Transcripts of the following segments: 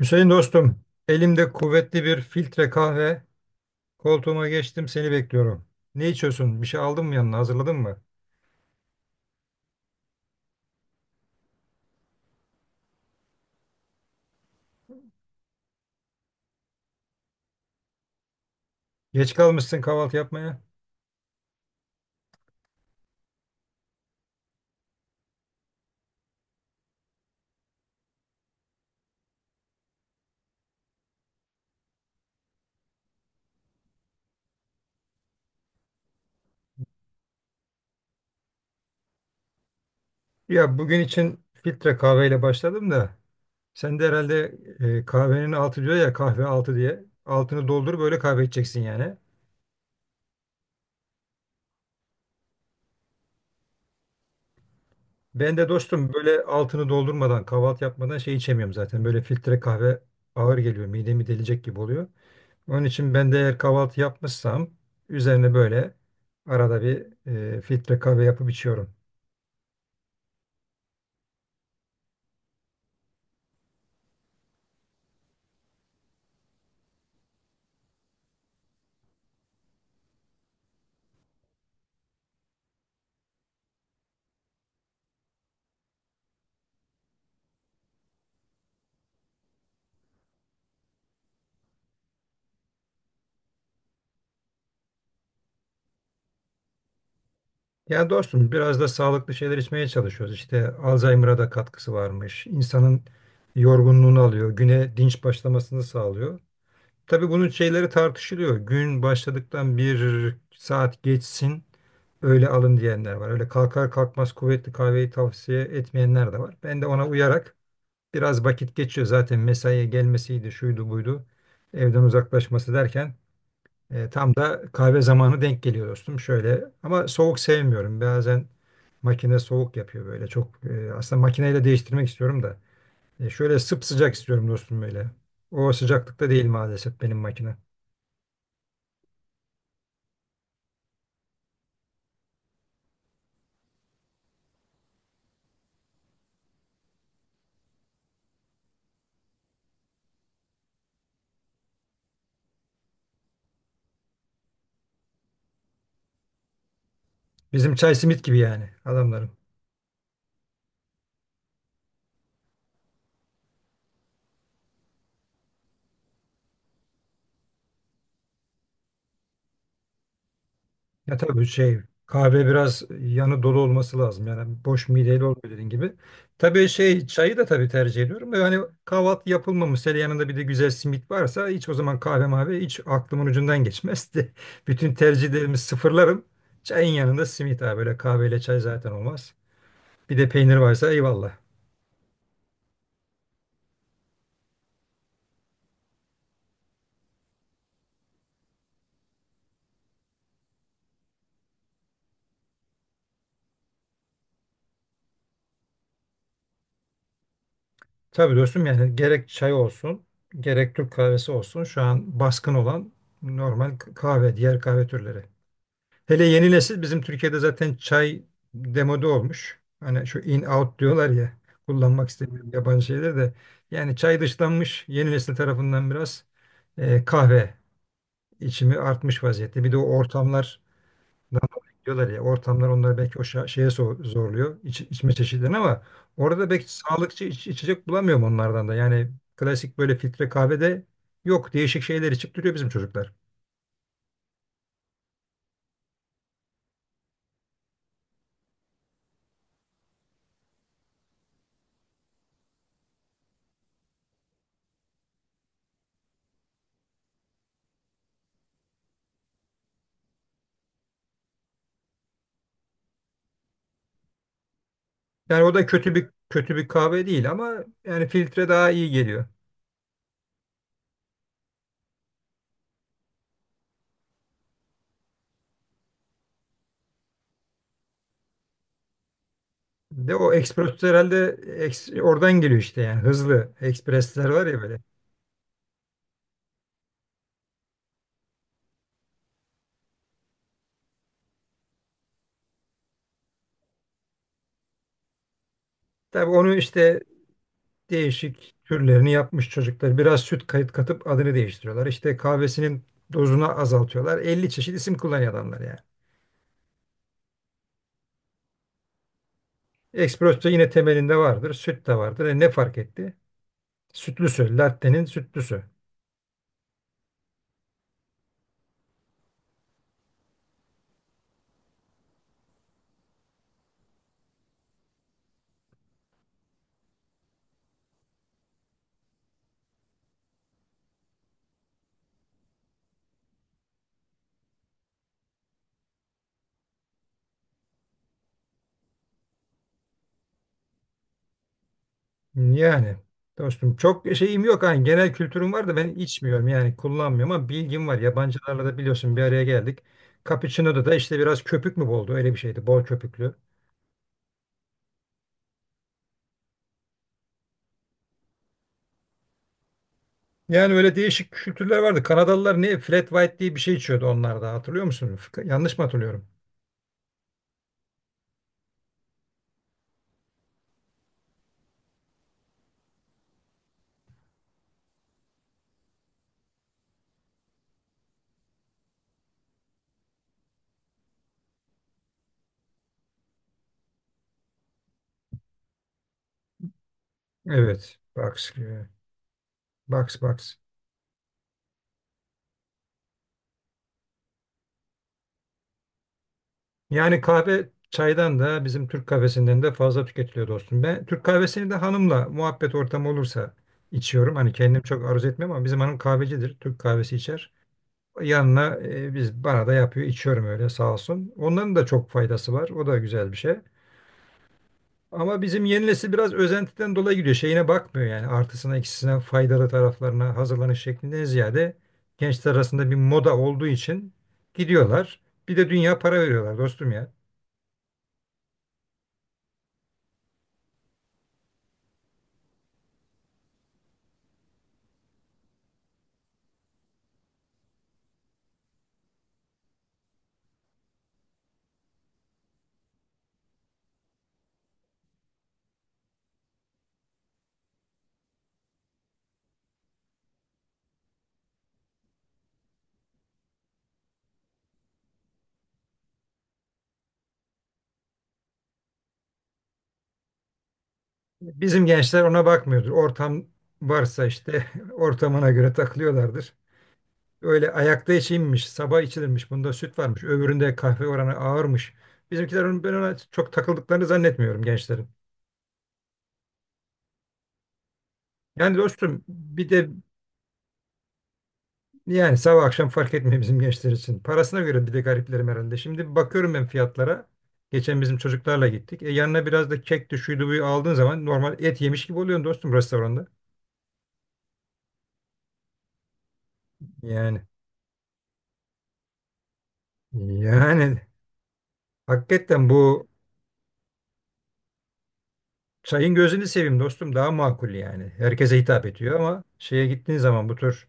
Hüseyin dostum, elimde kuvvetli bir filtre kahve. Koltuğuma geçtim, seni bekliyorum. Ne içiyorsun? Bir şey aldın mı yanına? Hazırladın mı? Geç kalmışsın kahvaltı yapmaya. Ya bugün için filtre kahveyle başladım da sen de herhalde kahvenin altı diyor ya kahve altı diye. Altını doldur böyle kahve içeceksin yani. Ben de dostum böyle altını doldurmadan kahvaltı yapmadan şey içemiyorum zaten. Böyle filtre kahve ağır geliyor. Midemi delecek gibi oluyor. Onun için ben de eğer kahvaltı yapmışsam üzerine böyle arada bir filtre kahve yapıp içiyorum. Yani dostum biraz da sağlıklı şeyler içmeye çalışıyoruz. İşte Alzheimer'a da katkısı varmış. İnsanın yorgunluğunu alıyor. Güne dinç başlamasını sağlıyor. Tabii bunun şeyleri tartışılıyor. Gün başladıktan bir saat geçsin öyle alın diyenler var. Öyle kalkar kalkmaz kuvvetli kahveyi tavsiye etmeyenler de var. Ben de ona uyarak biraz vakit geçiyor zaten mesaiye gelmesiydi, şuydu buydu. Evden uzaklaşması derken tam da kahve zamanı denk geliyor dostum. Şöyle ama soğuk sevmiyorum. Bazen makine soğuk yapıyor böyle çok. Aslında makineyle değiştirmek istiyorum da. Şöyle sıcak istiyorum dostum böyle. O sıcaklıkta değil maalesef benim makine. Bizim çay simit gibi yani adamların. Ya tabii şey kahve biraz yanı dolu olması lazım. Yani boş mideyle olmuyor dediğin gibi. Tabii şey çayı da tabii tercih ediyorum. Da yani kahvaltı yapılmamış. Hele yanında bir de güzel simit varsa hiç o zaman kahve mavi hiç aklımın ucundan geçmezdi. Bütün tercihlerimi sıfırlarım. Çayın yanında simit abi böyle kahveyle çay zaten olmaz. Bir de peynir varsa eyvallah. Tabii dostum yani gerek çay olsun gerek Türk kahvesi olsun şu an baskın olan normal kahve diğer kahve türleri. Hele yeni nesil bizim Türkiye'de zaten çay demode olmuş. Hani şu in out diyorlar ya kullanmak istemiyorum yabancı şeyler de. Yani çay dışlanmış yeni nesil tarafından biraz kahve içimi artmış vaziyette. Bir de o ortamlar diyorlar ya ortamlar onları belki o şeye zorluyor içme çeşitlerini ama orada belki sağlıkçı içecek bulamıyorum onlardan da. Yani klasik böyle filtre kahvede yok değişik şeyler içip duruyor bizim çocuklar. Yani o da kötü bir kahve değil ama yani filtre daha iyi geliyor. Bir de o ekspres herhalde oradan geliyor işte yani hızlı ekspresler var ya böyle. Tabii onu işte değişik türlerini yapmış çocuklar. Biraz süt kayıt katıp adını değiştiriyorlar. İşte kahvesinin dozunu azaltıyorlar. 50 çeşit isim kullanıyor adamlar yani. Espresso yine temelinde vardır. Süt de vardır. E ne fark etti? Sütlüsü. Latte'nin sütlüsü. Yani dostum çok şeyim yok hani genel kültürüm var da ben içmiyorum yani kullanmıyorum ama bilgim var. Yabancılarla da biliyorsun bir araya geldik. Cappuccino'da da işte biraz köpük mü boldu öyle bir şeydi bol köpüklü. Yani öyle değişik kültürler vardı. Kanadalılar ne flat white diye bir şey içiyordu onlar da hatırlıyor musun? Yanlış mı hatırlıyorum? Evet. Box. Box box. Yani kahve çaydan da bizim Türk kahvesinden de fazla tüketiliyor dostum. Ben Türk kahvesini de hanımla muhabbet ortamı olursa içiyorum. Hani kendim çok arzu etmem ama bizim hanım kahvecidir. Türk kahvesi içer. Yanına biz bana da yapıyor. İçiyorum öyle sağ olsun. Onların da çok faydası var. O da güzel bir şey. Ama bizim yeni nesil biraz özentiden dolayı gidiyor. Şeyine bakmıyor yani artısına eksisine faydalı taraflarına hazırlanış şeklinden ziyade gençler arasında bir moda olduğu için gidiyorlar. Bir de dünya para veriyorlar dostum ya. Bizim gençler ona bakmıyordur. Ortam varsa işte ortamına göre takılıyorlardır. Öyle ayakta içilmiş, sabah içilirmiş, bunda süt varmış, öbüründe kahve oranı ağırmış. Bizimkiler ben ona çok takıldıklarını zannetmiyorum gençlerin. Yani dostum bir de yani sabah akşam fark etmiyor bizim gençler için. Parasına göre bir de gariplerim herhalde. Şimdi bakıyorum ben fiyatlara. Geçen bizim çocuklarla gittik. E yanına biraz da kek de şuydu buyu aldığın zaman normal et yemiş gibi oluyorsun dostum restoranda. Yani yani hakikaten bu çayın gözünü seveyim dostum daha makul yani. Herkese hitap ediyor ama şeye gittiğin zaman bu tür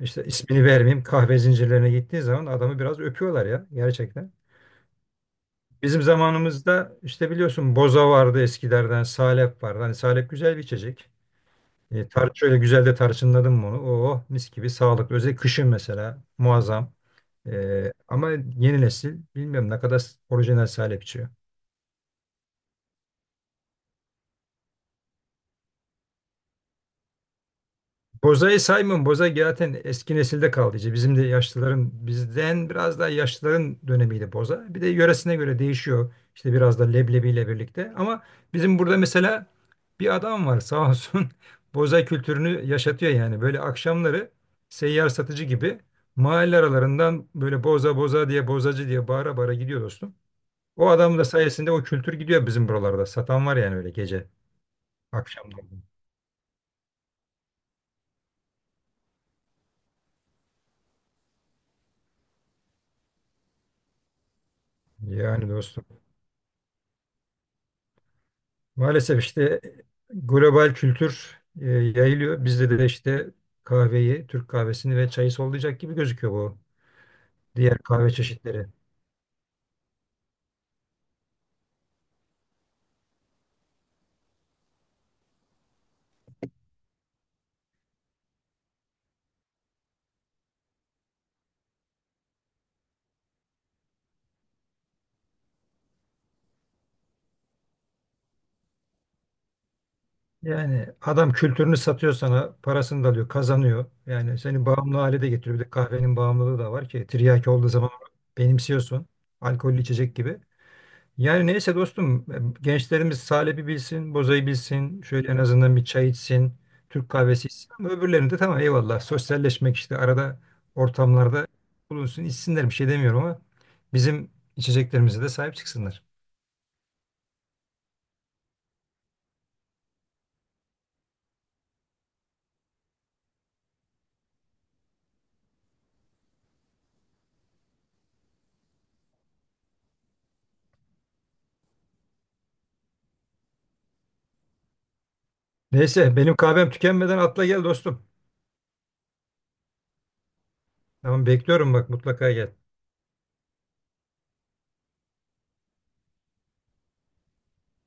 işte ismini vermeyeyim kahve zincirlerine gittiğin zaman adamı biraz öpüyorlar ya gerçekten. Bizim zamanımızda işte biliyorsun boza vardı eskilerden, salep vardı. Hani salep güzel bir içecek. E, tar Şöyle güzel de tarçınladım bunu. Oo mis gibi sağlıklı. Özellikle kışın mesela muazzam. Ama yeni nesil bilmiyorum ne kadar orijinal salep içiyor. Boza'yı saymıyorum. Boza zaten eski nesilde kaldı. İşte bizim de yaşlıların, bizden biraz daha yaşlıların dönemiydi Boza. Bir de yöresine göre değişiyor. İşte biraz da leblebiyle birlikte. Ama bizim burada mesela bir adam var sağ olsun. Boza kültürünü yaşatıyor yani. Böyle akşamları seyyar satıcı gibi mahalle aralarından böyle boza boza diye bozacı diye bağıra bağıra gidiyor dostum. O adam da sayesinde o kültür gidiyor bizim buralarda. Satan var yani öyle gece akşamları. Yani dostum. Maalesef işte global kültür yayılıyor. Bizde de işte kahveyi, Türk kahvesini ve çayı sollayacak gibi gözüküyor bu diğer kahve çeşitleri. Yani adam kültürünü satıyor sana, parasını da alıyor, kazanıyor. Yani seni bağımlı hale de getiriyor. Bir de kahvenin bağımlılığı da var ki tiryaki olduğu zaman benimsiyorsun. Alkollü içecek gibi. Yani neyse dostum gençlerimiz Salep'i bilsin, Boza'yı bilsin, şöyle en azından bir çay içsin, Türk kahvesi içsin ama öbürlerini de tamam eyvallah sosyalleşmek işte arada ortamlarda bulunsun içsinler bir şey demiyorum ama bizim içeceklerimize de sahip çıksınlar. Neyse benim kahvem tükenmeden atla gel dostum. Tamam bekliyorum bak mutlaka gel.